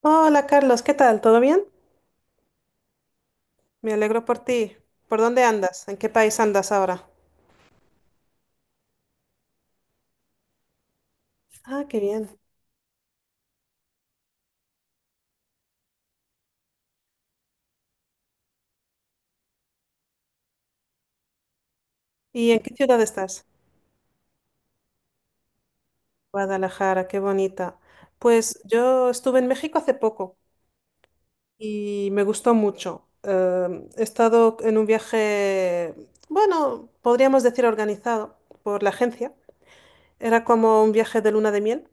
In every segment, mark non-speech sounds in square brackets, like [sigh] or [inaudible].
Hola Carlos, ¿qué tal? ¿Todo bien? Me alegro por ti. ¿Por dónde andas? ¿En qué país andas ahora? Ah, qué bien. ¿Y en qué ciudad estás? Guadalajara, qué bonita. Pues yo estuve en México hace poco y me gustó mucho. He estado en un viaje, bueno, podríamos decir organizado por la agencia. Era como un viaje de luna de miel.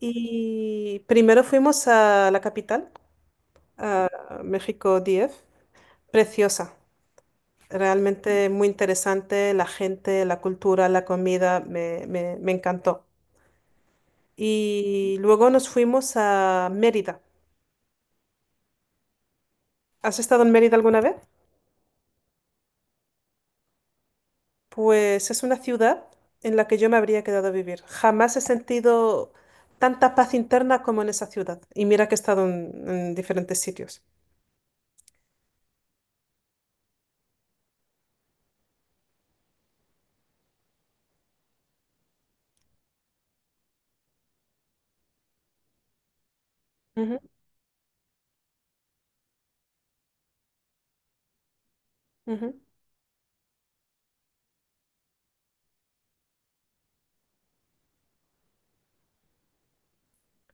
Y primero fuimos a la capital, a México DF, preciosa. Realmente muy interesante, la gente, la cultura, la comida, me encantó. Y luego nos fuimos a Mérida. ¿Has estado en Mérida alguna vez? Pues es una ciudad en la que yo me habría quedado a vivir. Jamás he sentido tanta paz interna como en esa ciudad. Y mira que he estado en diferentes sitios. Ujú, ujú.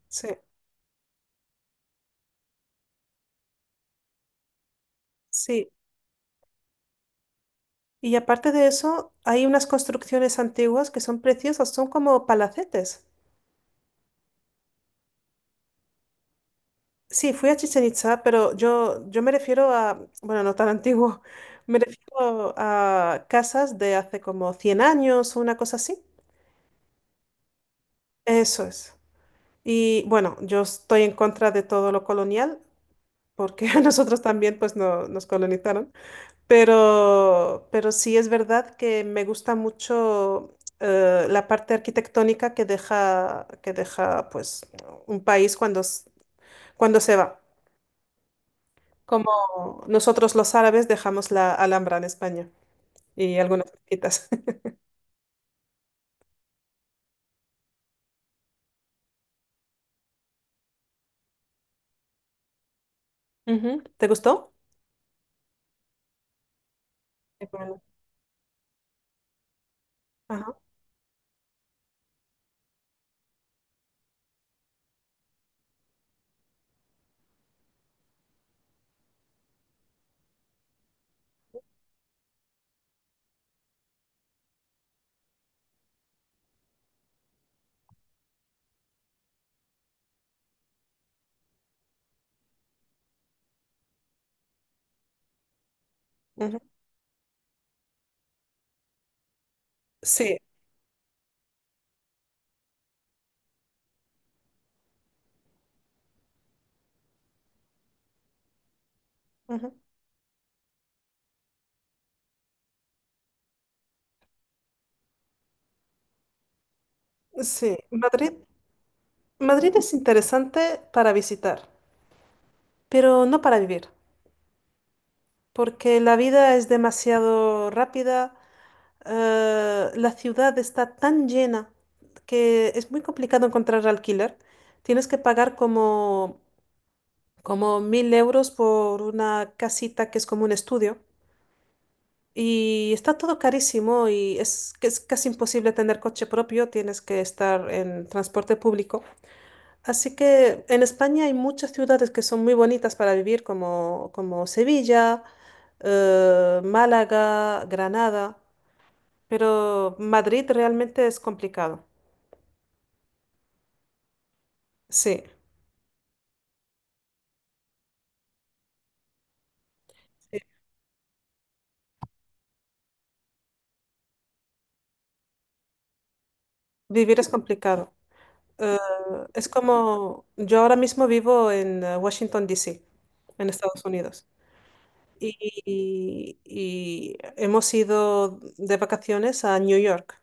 Sí, sí. Y aparte de eso, hay unas construcciones antiguas que son preciosas, son como palacetes. Sí, fui a Chichen Itzá, pero yo me refiero a, bueno, no tan [laughs] antiguo, me refiero a casas de hace como 100 años o una cosa así. Eso es. Y bueno, yo estoy en contra de todo lo colonial, porque [laughs] a nosotros también pues no, nos colonizaron, pero sí es verdad que me gusta mucho la parte arquitectónica que deja, pues un país cuando, cuando se va. Como nosotros los árabes dejamos la Alhambra en España y algunas mezquitas. [laughs] Ujú. ¿Te gustó? Te comento. Ajá, ujú. Sí, ujú. Sí. Madrid, Madrid es interesante para visitar, pero no para vivir, porque la vida es demasiado rápida, la ciudad está tan llena que es muy complicado encontrar alquiler. Tienes que pagar como 1000 € por una casita que es como un estudio. Y está todo carísimo y que es casi imposible tener coche propio, tienes que estar en transporte público. Así que en España hay muchas ciudades que son muy bonitas para vivir, como Sevilla, Málaga, Granada, pero Madrid realmente es complicado. Sí, sí, vivir es complicado. Eh, es como yo ahora mismo vivo en Washington, D C, en Estados Unidos. Y, y hemos ido de vacaciones a New York.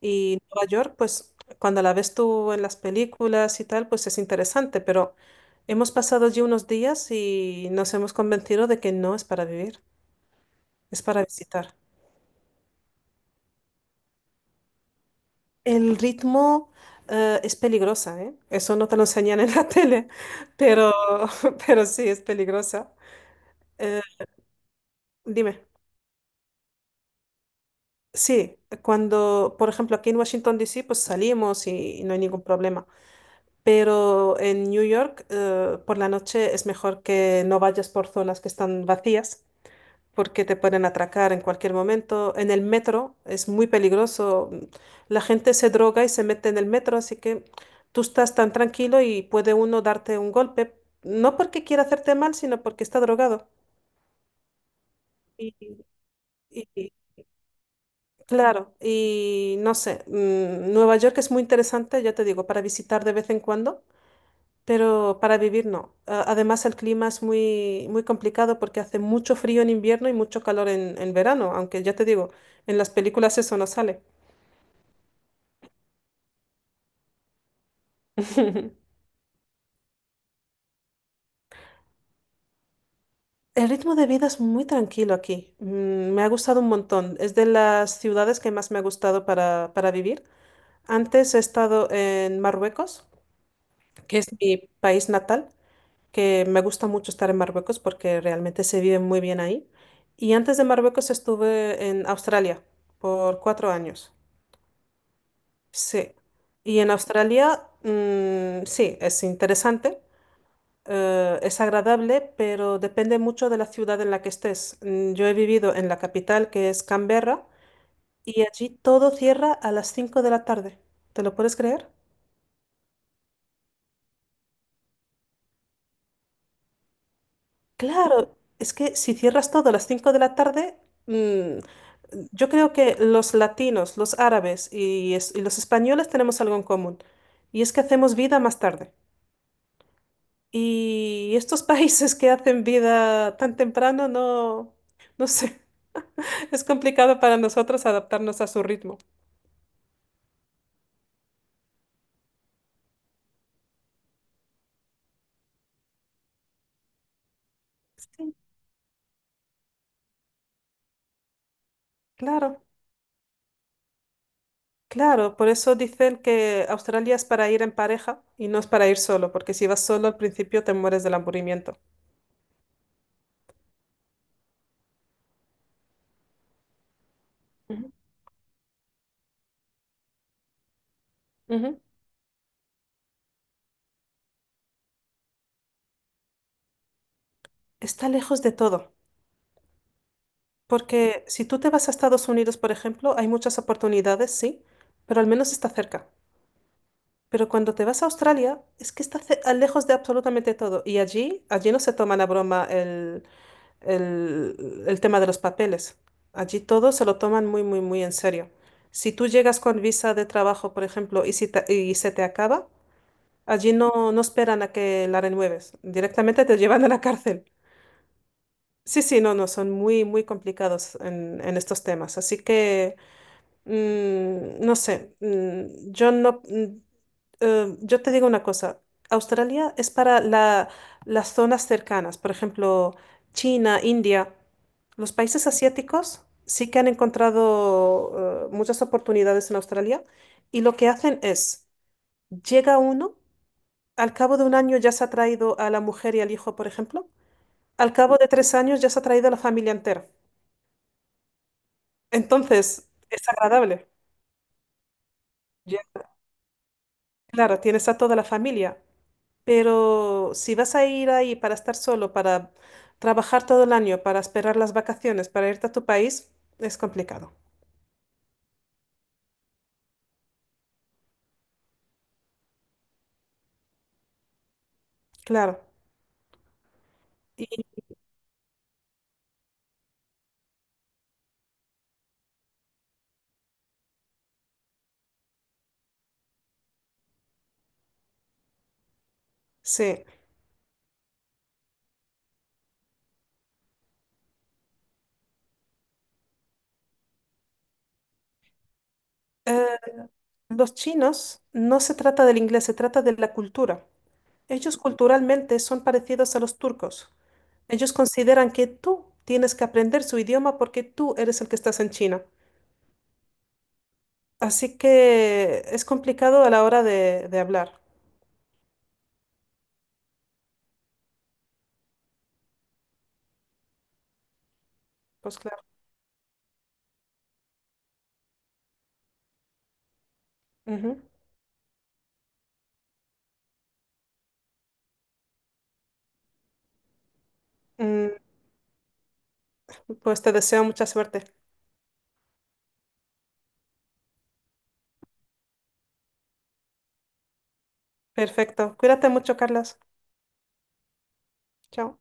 Y Nueva York, pues cuando la ves tú en las películas y tal, pues es interesante, pero hemos pasado allí unos días y nos hemos convencido de que no es para vivir, es para visitar. El ritmo, es peligrosa, ¿eh? Eso no te lo enseñan en la [laughs] tele, pero, pero sí es peligrosa. Eh, Dime. Sí, cuando, por ejemplo, aquí en Washington, D. C. pues salimos y no hay ningún problema. Pero en New York, por la noche es mejor que no vayas por zonas que están vacías, porque te pueden atracar en cualquier momento. En el metro es muy peligroso. La gente se droga y se mete en el metro, así que tú estás tan tranquilo y puede uno darte un golpe, no porque quiera hacerte mal, sino porque está drogado. Y, claro, y no sé, Nueva York es muy interesante, ya te digo, para visitar de vez en cuando, pero para vivir no. Además, el clima es muy, muy complicado porque hace mucho frío en invierno y mucho calor en verano, aunque ya te digo, en las películas eso no sale. [laughs] El ritmo de vida es muy tranquilo aquí, me ha gustado un montón, es de las ciudades que más me ha gustado para vivir. Antes he estado en Marruecos, que es mi país natal. Que me gusta mucho estar en Marruecos porque realmente se vive muy bien ahí. Y antes de Marruecos estuve en Australia por 4 años. Sí. Y en Australia, sí, es interesante, es agradable, pero depende mucho de la ciudad en la que estés. Yo he vivido en la capital, que es Canberra, y allí todo cierra a las 5 de la tarde. ¿Te lo puedes creer? Claro, es que si cierras todo a las 5 de la tarde, mm, yo creo que los latinos, los árabes y los españoles tenemos algo en común, y es que hacemos vida más tarde. Y estos [laughs] países que hacen vida tan temprano, no, no sé, [laughs] es complicado para nosotros adaptarnos a su ritmo. Sí, claro, claro, por eso dicen que Australia es para ir en pareja y no es para ir solo, porque si vas solo al principio te mueres del aburrimiento. Ujú. Ujú. Está lejos de todo, porque si tú te vas a Estados Unidos, por ejemplo, hay muchas oportunidades, sí, pero al menos está cerca. Pero cuando te vas a Australia, es que está lejos de absolutamente todo. Y allí, allí no se toman a broma el tema de los papeles. Allí todo se lo toman muy, muy, muy en serio. Si tú llegas con visa de trabajo, por ejemplo, si y se te acaba, allí no, no esperan a que la renueves. Directamente te [laughs] llevan a la cárcel. Sí, sí, no, no, son muy, muy complicados en estos temas. Así que, no sé, yo no, mm, yo te digo una cosa, Australia es para la- las zonas cercanas, por ejemplo, China, India, los países asiáticos sí que han encontrado, muchas oportunidades en Australia y lo que hacen es, llega uno, al cabo de un año ya se ha traído a la mujer y al hijo, por ejemplo, al cabo de 3 años ya se ha traído a la familia entera. Entonces, es agradable. Ya, claro, tienes a toda la familia, pero si vas a ir ahí para estar solo, para trabajar todo el año, para esperar las vacaciones, para irte a tu país, es complicado. Claro. Y sí. Eh, los chinos no se trata del inglés, se trata de la cultura. Ellos culturalmente son parecidos a los turcos. Ellos consideran que tú tienes que aprender su idioma porque tú eres el que estás en China. Así que es complicado a la hora de hablar. Pues claro. Ujú. Mm, pues te deseo mucha suerte. Perfecto. Cuídate mucho, Carlos. Chao.